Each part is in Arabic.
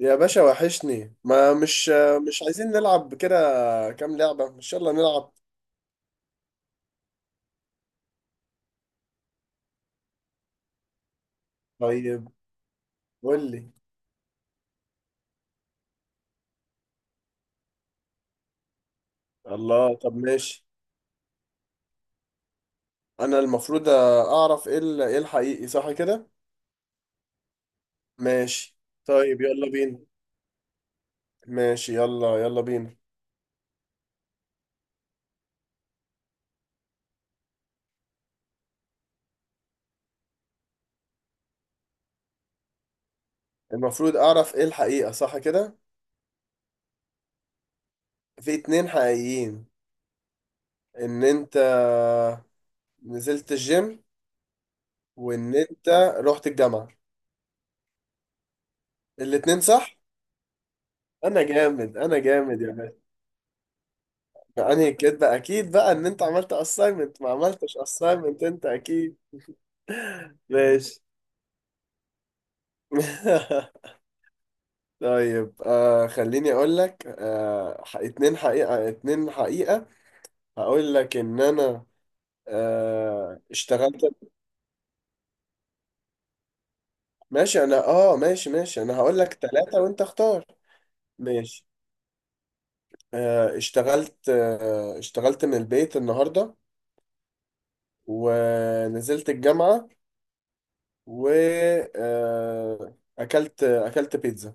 يا باشا، وحشني. ما مش مش عايزين نلعب كده. كام لعبة. مش يلا نلعب. طيب، قول لي. الله، طب ماشي. انا المفروض اعرف ايه ايه الحقيقي، صح كده؟ ماشي. طيب يلا بينا. ماشي، يلا يلا بينا. المفروض اعرف ايه الحقيقة، صح كده؟ في اتنين حقيقيين، ان انت نزلت الجيم، وان انت رحت الجامعة. الاتنين صح. انا جامد، انا جامد يا باشا. يعني كده اكيد بقى ان انت عملت assignment، ما عملتش assignment انت اكيد. ماشي. طيب، خليني اقول لك. اتنين حقيقة، اتنين حقيقة. هقول لك ان انا اشتغلت. ماشي انا. اه ماشي، ماشي. انا هقول لك ثلاثة وانت اختار. ماشي. اشتغلت من البيت النهاردة. ونزلت الجامعة. و اكلت بيتزا.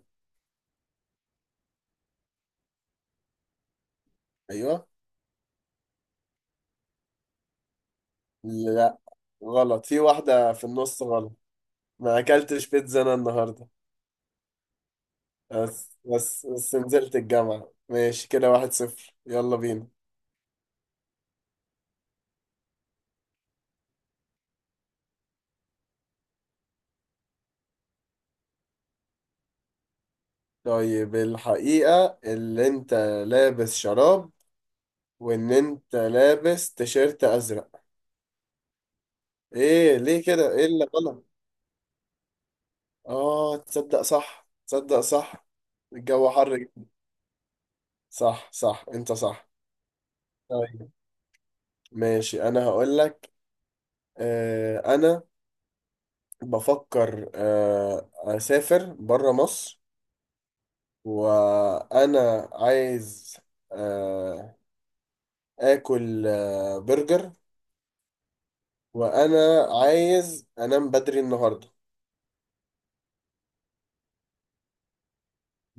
ايوه. غلط في واحدة، في النص غلط. ما أكلتش بيتزا أنا النهاردة. بس، بس نزلت الجامعة. ماشي كده، 1-0، يلا بينا. طيب، الحقيقة اللي أنت لابس شراب، وإن أنت لابس تيشيرت أزرق. إيه، ليه كده؟ إيه اللي غلط؟ تصدق صح، تصدق صح. الجو حر جدا. صح صح، أنت صح. طيب ماشي، أنا هقول لك. أنا بفكر أسافر برا مصر. وانا عايز آه، اكل برجر. وانا عايز انام بدري النهارده.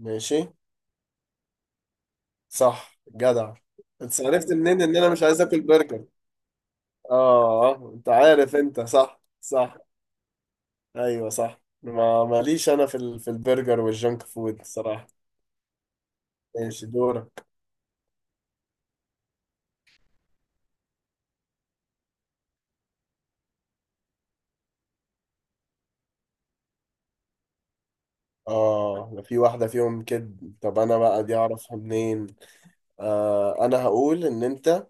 ماشي. صح جدع. انت عرفت منين ان انا مش عايز اكل برجر؟ اه انت عارف، انت صح، صح. ايوه صح. ما ماليش انا في في البرجر والجنك فود، صراحه. ماشي دورك. اه ده في واحده فيهم كده. طب انا بقى دي اعرفها منين؟ انا هقول ان انت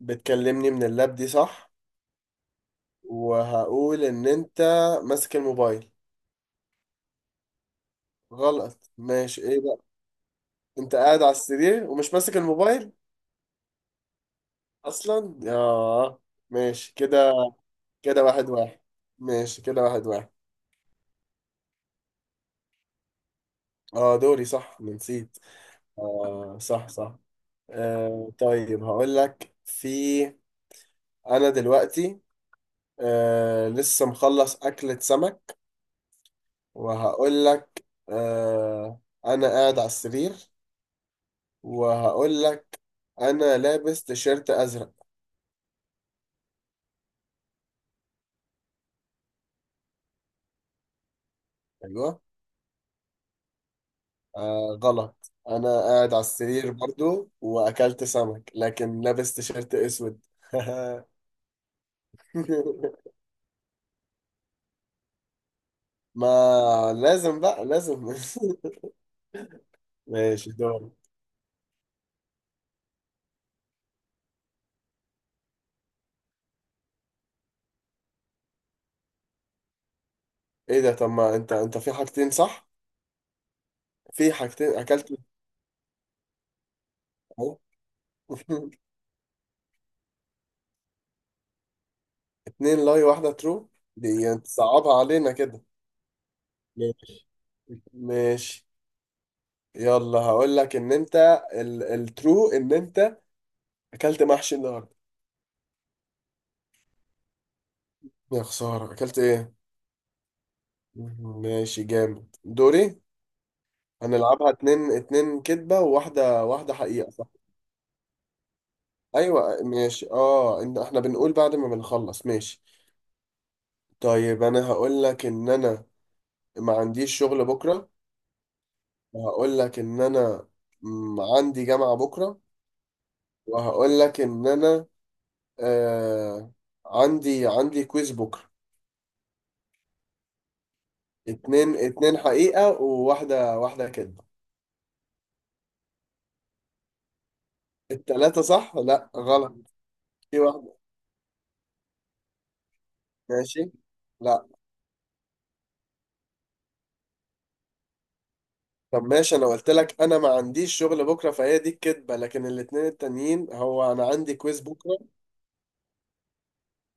بتكلمني من اللاب، دي صح. وهقول ان انت ماسك الموبايل. غلط؟ ماشي، ايه بقى؟ انت قاعد على السرير ومش ماسك الموبايل. اصلا، ياه. ماشي كده، كده واحد واحد. ماشي كده، 1-1. اه دوري، صح، أنا نسيت. اه صح، صح. طيب هقول لك. في انا دلوقتي لسه مخلص اكلة سمك. وهقول لك انا قاعد على السرير. وهقول لك انا لابس تيشيرت ازرق. ايوه. آه غلط. انا قاعد على السرير برضو، واكلت سمك، لكن لابس تيشيرت اسود. ما لازم بقى، لازم. ماشي دور. ايه ده؟ طب ما انت في حاجتين صح. في حاجتين اكلت. اهو. اتنين لاي، واحدة ترو. دي انت صعبها علينا كده. ماشي. ماشي، يلا. هقول لك ان انت، الترو ان انت اكلت محشي النهارده. يا خسارة، اكلت ايه؟ ماشي، جامد، دوري. هنلعبها اتنين اتنين كدبة، وواحدة واحدة حقيقة، صح؟ ايوه ماشي. اه ان احنا بنقول بعد ما بنخلص، ماشي. طيب انا هقول لك ان انا ما عنديش شغل بكرة. وهقول لك ان انا عندي جامعة بكرة. وهقول لك ان انا آه عندي كويز بكرة. اتنين اتنين حقيقة، وواحدة واحدة كدبة. التلاتة صح؟ لا غلط. في واحدة. ماشي. لا. طب ماشي، انا قلت لك انا ما عنديش شغل بكره، فهي دي الكدبه، لكن الاتنين التانيين، هو انا عندي كويز بكره.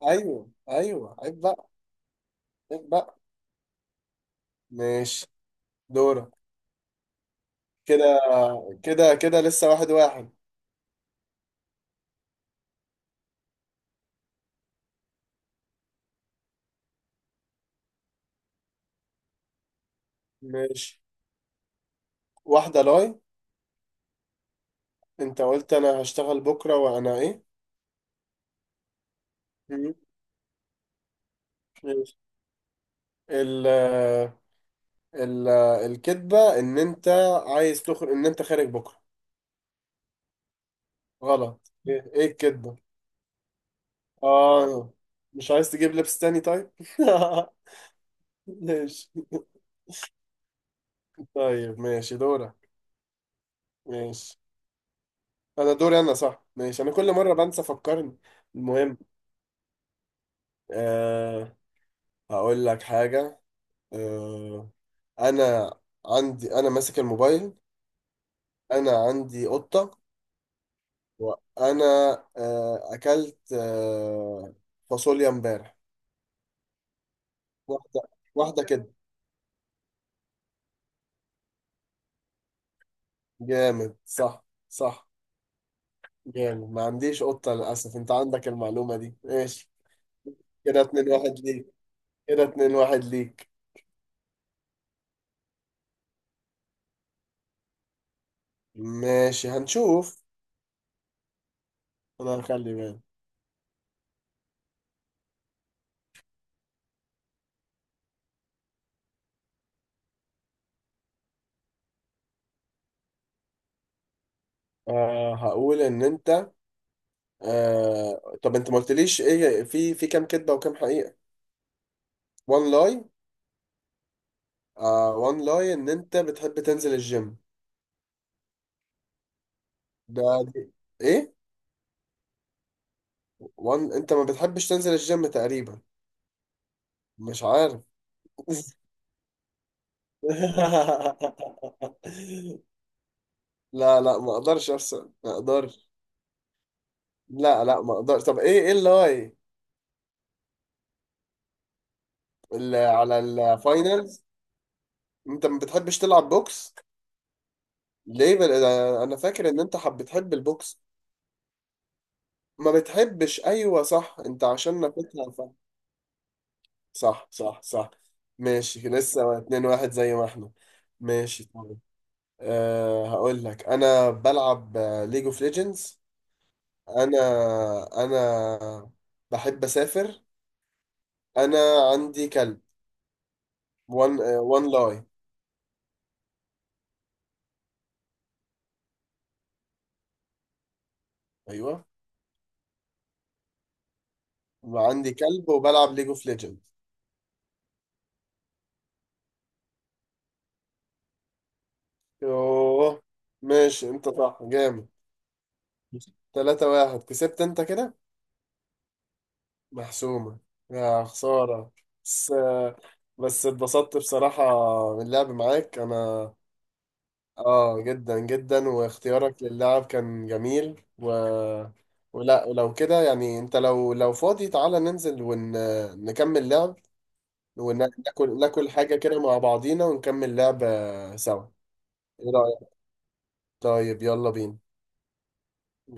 ايوه ايوه، عيب بقى. عيب بقى. ماشي دورك. كده، كده لسه واحد واحد. ماشي، واحده لاي. انت قلت انا هشتغل بكره وانا ايه؟ مم. ماشي. ال ال الكدبه ان انت عايز تخرج، ان انت خارج بكره. غلط؟ ايه، إيه الكدبه؟ اه، مش عايز تجيب لبس تاني، طيب. ماشي. طيب ماشي دورك. ماشي انا، دوري انا، صح. ماشي، انا كل مره بنسى، فكرني. المهم، أه هقول لك حاجه. أه انا انا ماسك الموبايل. انا عندي قطه. وانا اكلت فاصوليا امبارح. واحده. واحده كده. جامد، صح، صح. جامد. ما عنديش قطه للاسف، انت عندك المعلومه دي، ماشي. كده 2-1. كده 2-1. ماشي، هنشوف. انا هخلي بالي. هقول ان انت، طب انت ما قلتليش ايه، في كام كدبه وكام حقيقه. وان لاي. وان لاي ان انت بتحب تنزل الجيم. ده، دي. ايه. وان انت ما بتحبش تنزل الجيم، تقريبا. مش عارف. لا لا، ما اقدرش ارسم، ما اقدرش. لا لا، ما اقدرش. طب ايه اللاي؟ اللي على الفاينلز، انت ما بتحبش تلعب بوكس. ليه بل... آه، انا فاكر ان انت بتحب البوكس. ما بتحبش، ايوه صح. انت عشان ناكلها صح صح صح. ماشي، لسه 2-1 زي ما احنا. ماشي. طيب، هقول لك انا بلعب ليج اوف ليجندز. انا انا بحب اسافر. انا عندي كلب. وان وان لاي. ايوه. وعندي كلب، وبلعب ليج اوف ليجندز. يوه. ماشي، انت صح، جامد. 3-1، كسبت انت كده. محسومة. يا خسارة. بس بس اتبسطت بصراحة من اللعب معاك أنا. جدا جدا، واختيارك للعب كان جميل، ولو كده يعني، أنت لو فاضي تعالى ننزل ونكمل لعب. وناكل، ناكل حاجة كده مع بعضينا، ونكمل لعب سوا. إيه رأيك؟ طيب يلا بينا.